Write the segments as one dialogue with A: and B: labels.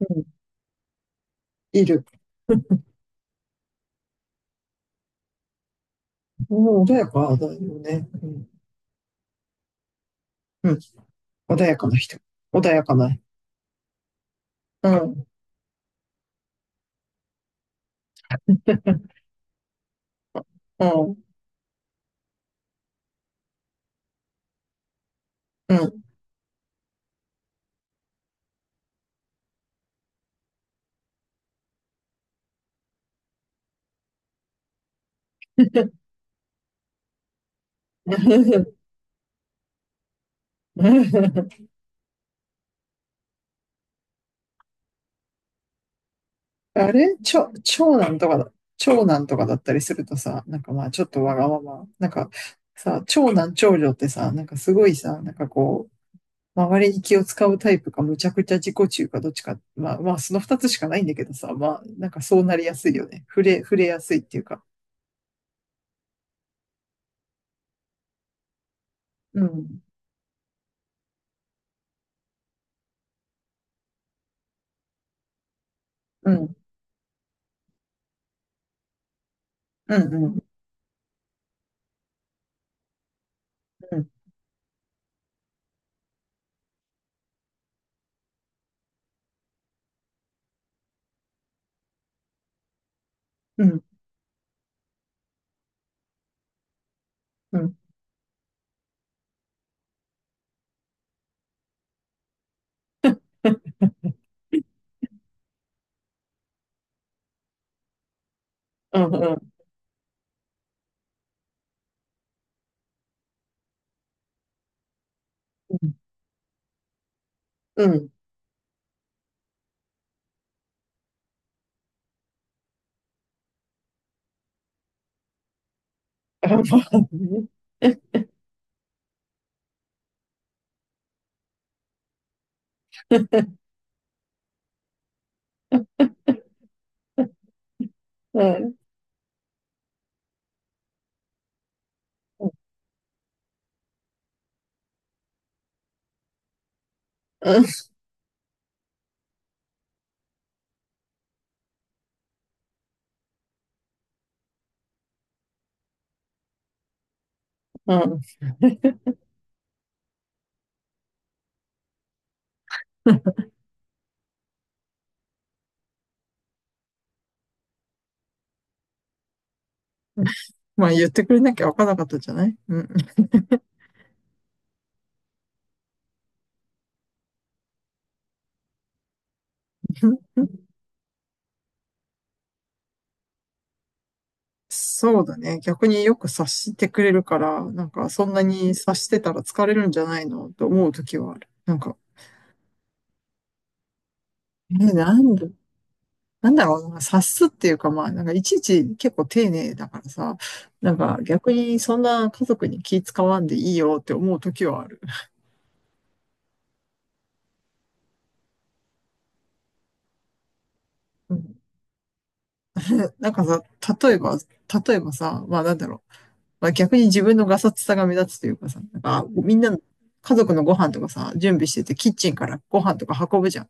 A: うん、いる。うん、穏やかだよね。うん、うん、穏やかな人。穏やかな。うん、うん、うん。あれちょ、長男とか長男とかだったりするとさ、なんかまあちょっとわがまま、なんかさ、長男長女ってさ、なんかすごいさ、なんかこう、周りに気を使うタイプか、むちゃくちゃ自己中か、どっちか、まあまあその二つしかないんだけどさ、まあなんかそうなりやすいよね。触れやすいっていうか。うん、うん、うん、うん、うん、うん、うん、うん、うん。うんあ、まあね。うん、うん、うん。まあ言ってくれなきゃわからなかったじゃない。うん。そうだね。逆によく察してくれるから、なんかそんなに察してたら疲れるんじゃないのと思う時はある。なんか、え、なんだ、なんだろうな、察すっていうかまあ、なんかいちいち結構丁寧だからさ、なんか逆にそんな家族に気使わんでいいよって思う時はある。うん、なんかさ、例えば、例えばさ、まあなんだろう。まあ逆に自分のガサツさが目立つというかさ、なんかみんな、家族のご飯とかさ、準備してて、キッチンからご飯とか運ぶじゃん。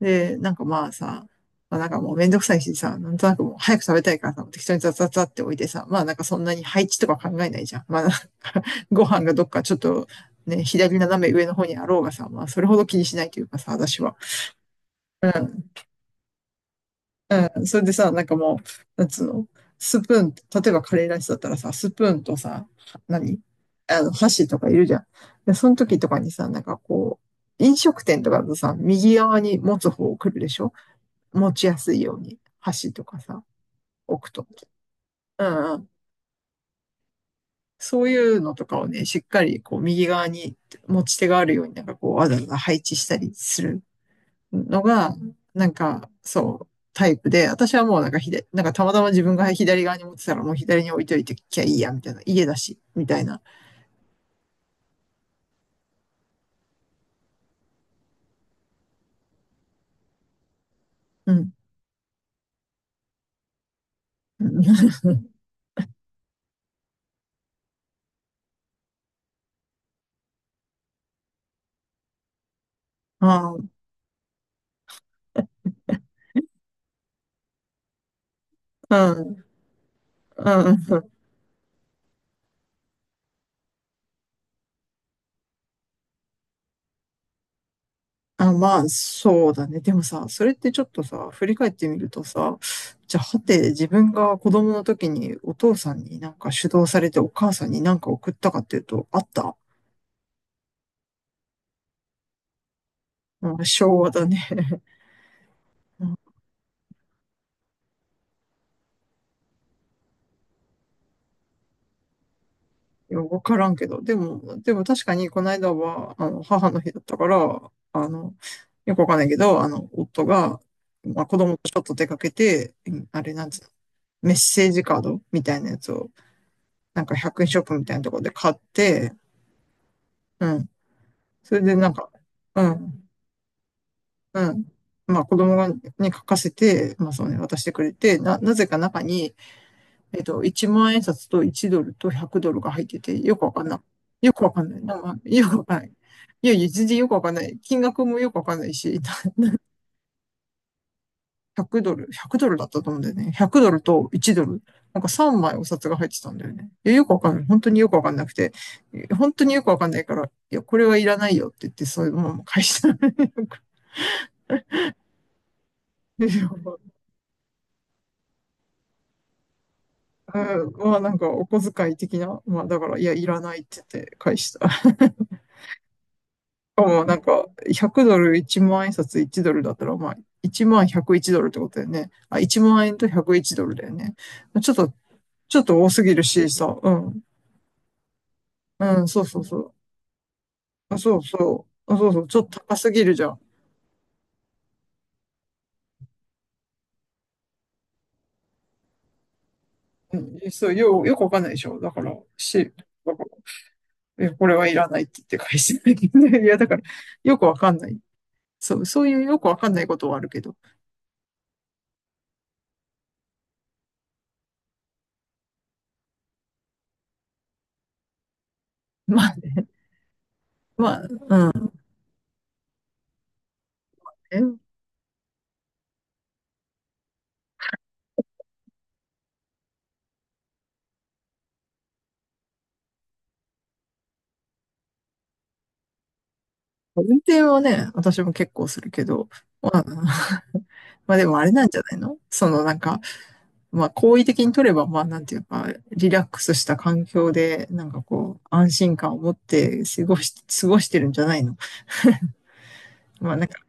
A: で、なんかまあさ、まあなんかもうめんどくさいしさ、なんとなくもう早く食べたいからさ、適当にザザザって置いてさ、まあなんかそんなに配置とか考えないじゃん。まあなんか ご飯がどっかちょっとね、左斜め上の方にあろうがさ、まあそれほど気にしないというかさ、私は。うん。うん、それでさ、なんかもう、なんつうの、スプーン、例えばカレーライスだったらさ、スプーンとさ、何あの、箸とかいるじゃん。で、その時とかにさ、なんかこう、飲食店とかだとさ、右側に持つ方を来るでしょ、持ちやすいように、箸とかさ、置くと。うんうん。そういうのとかをね、しっかりこう、右側に持ち手があるように、なんかこう、わざわざ配置したりするのが、なんか、そう、タイプで、私はもうなんかなんかたまたま自分が左側に持ってたら、もう左に置いといてきゃいいや、みたいな。家だし、みたいな。うん。うん。ああ、うん。うん。うんあ、まあ、そうだね。でもさ、それってちょっとさ、振り返ってみるとさ、じゃあ、はて、自分が子供の時にお父さんになんか主導されてお母さんになんか送ったかっていうと、あった。うん、昭和だね。いや、わからんけど。でも、でも確かにこの間は、あの、母の日だったから、あの、よくわかんないけど、あの、夫が、まあ、子供とちょっと出かけて、うんあれなんつうの、メッセージカードみたいなやつを、なんか100円ショップみたいなところで買って、うん。それでなんか、うん、うん。まあ、子供に書かせて、まあ、そうね、渡してくれて、なぜか中に、えっと、1万円札と1ドルと100ドルが入ってて、よくわかんない。よくわかんない。なんかよくわかんない。いやいや、全然よくわかんない。金額もよくわかんないし、100ドルだったと思うんだよね。100ドルと1ドル。なんか3枚お札が入ってたんだよね。いや、よくわかんない。本当によくわかんなくて。本当によくわかんないから、いや、これはいらないよって言って、そういうものも返した。うん、まあなんかお小遣い的な、まあだから、いや、いらないって言って返した。かもなんか、100ドル、1万円札1ドルだったら、まあ、1万101ドルってことだよね。あ、1万円と101ドルだよね。ちょっと、ちょっと多すぎるしさ、うん。うん、そうそうそう。あ、そうそう。あ、そうそう。ちょっと高すぎるじゃん。うん、よくわかんないでしょ。だから、いや、これはいらないって言って返してないけどね。 いや、だから、よくわかんない。そう、そういうよくわかんないことはあるけど。まあね、まあね、運転はね、私も結構するけど、まあ、まあでもあれなんじゃないの？そのなんか、まあ好意的に取れば、まあなんていうか、リラックスした環境で、なんかこう、安心感を持って過ごしてるんじゃないの？まあなんか、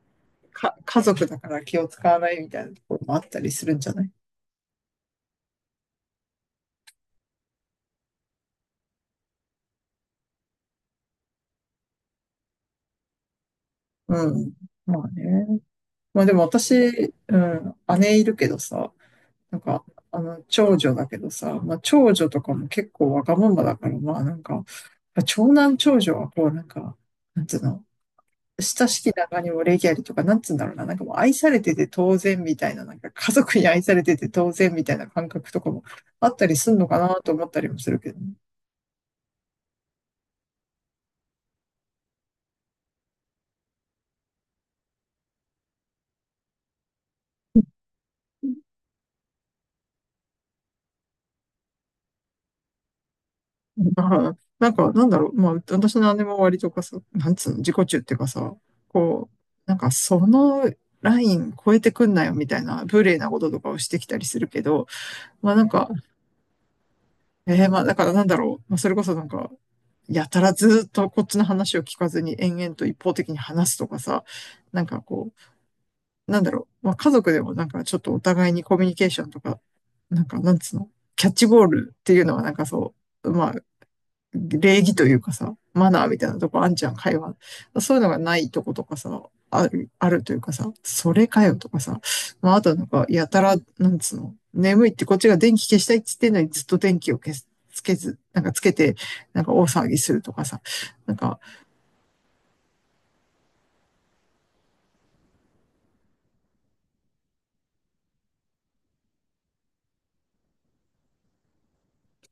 A: 家族だから気を使わないみたいなところもあったりするんじゃない？うん。まあね。まあでも私、うん、姉いるけどさ、なんか、あの、長女だけどさ、まあ、長女とかも結構わがままだから、まあ、なんか、長男長女はこう、なんか、なんつうの、親しき中にも礼儀ありとか、なんつうんだろうな、なんかもう愛されてて当然みたいな、なんか家族に愛されてて当然みたいな感覚とかもあったりすんのかなと思ったりもするけどね。まあ、なんか、なんだろう、まあ、私の姉も割とかさ、なんつうの、自己中っていうかさ、こう、なんかそのライン超えてくんなよみたいな、無礼なこととかをしてきたりするけど、まあなんか、えー、まあだからなんだろう。まあそれこそなんか、やたらずっとこっちの話を聞かずに延々と一方的に話すとかさ、なんかこう、なんだろう。まあ家族でもなんかちょっとお互いにコミュニケーションとか、なんかなんつうの、キャッチボールっていうのはなんかそう、まあ礼儀というかさ、マナーみたいなとこあんちゃん、会話。そういうのがないとことかさ、あるというかさ、それかよとかさ、まあ、あとなんか、やたら、なんつうの、眠いってこっちが電気消したいって言ってんのにずっと電気を消す、つけず、なんかつけて、なんか大騒ぎするとかさ、なんか、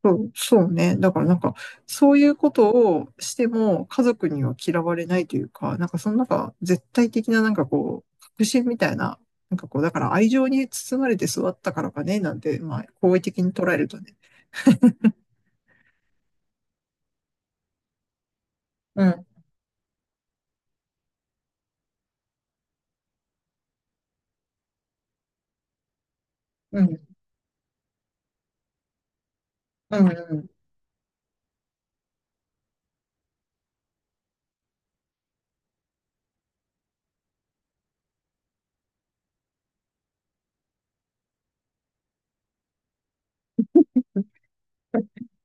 A: そうね。だからなんか、そういうことをしても家族には嫌われないというか、なんかそのなんか絶対的ななんかこう、確信みたいな、なんかこう、だから愛情に包まれて育ったからかね、なんて、まあ、好意的に捉えるとね。うん、うん、うん、うん。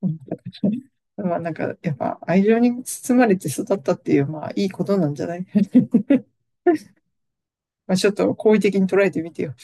A: うん、まあなんか、やっぱ愛情に包まれて育ったっていう、まあいいことなんじゃない？ まあちょっと好意的に捉えてみてよ。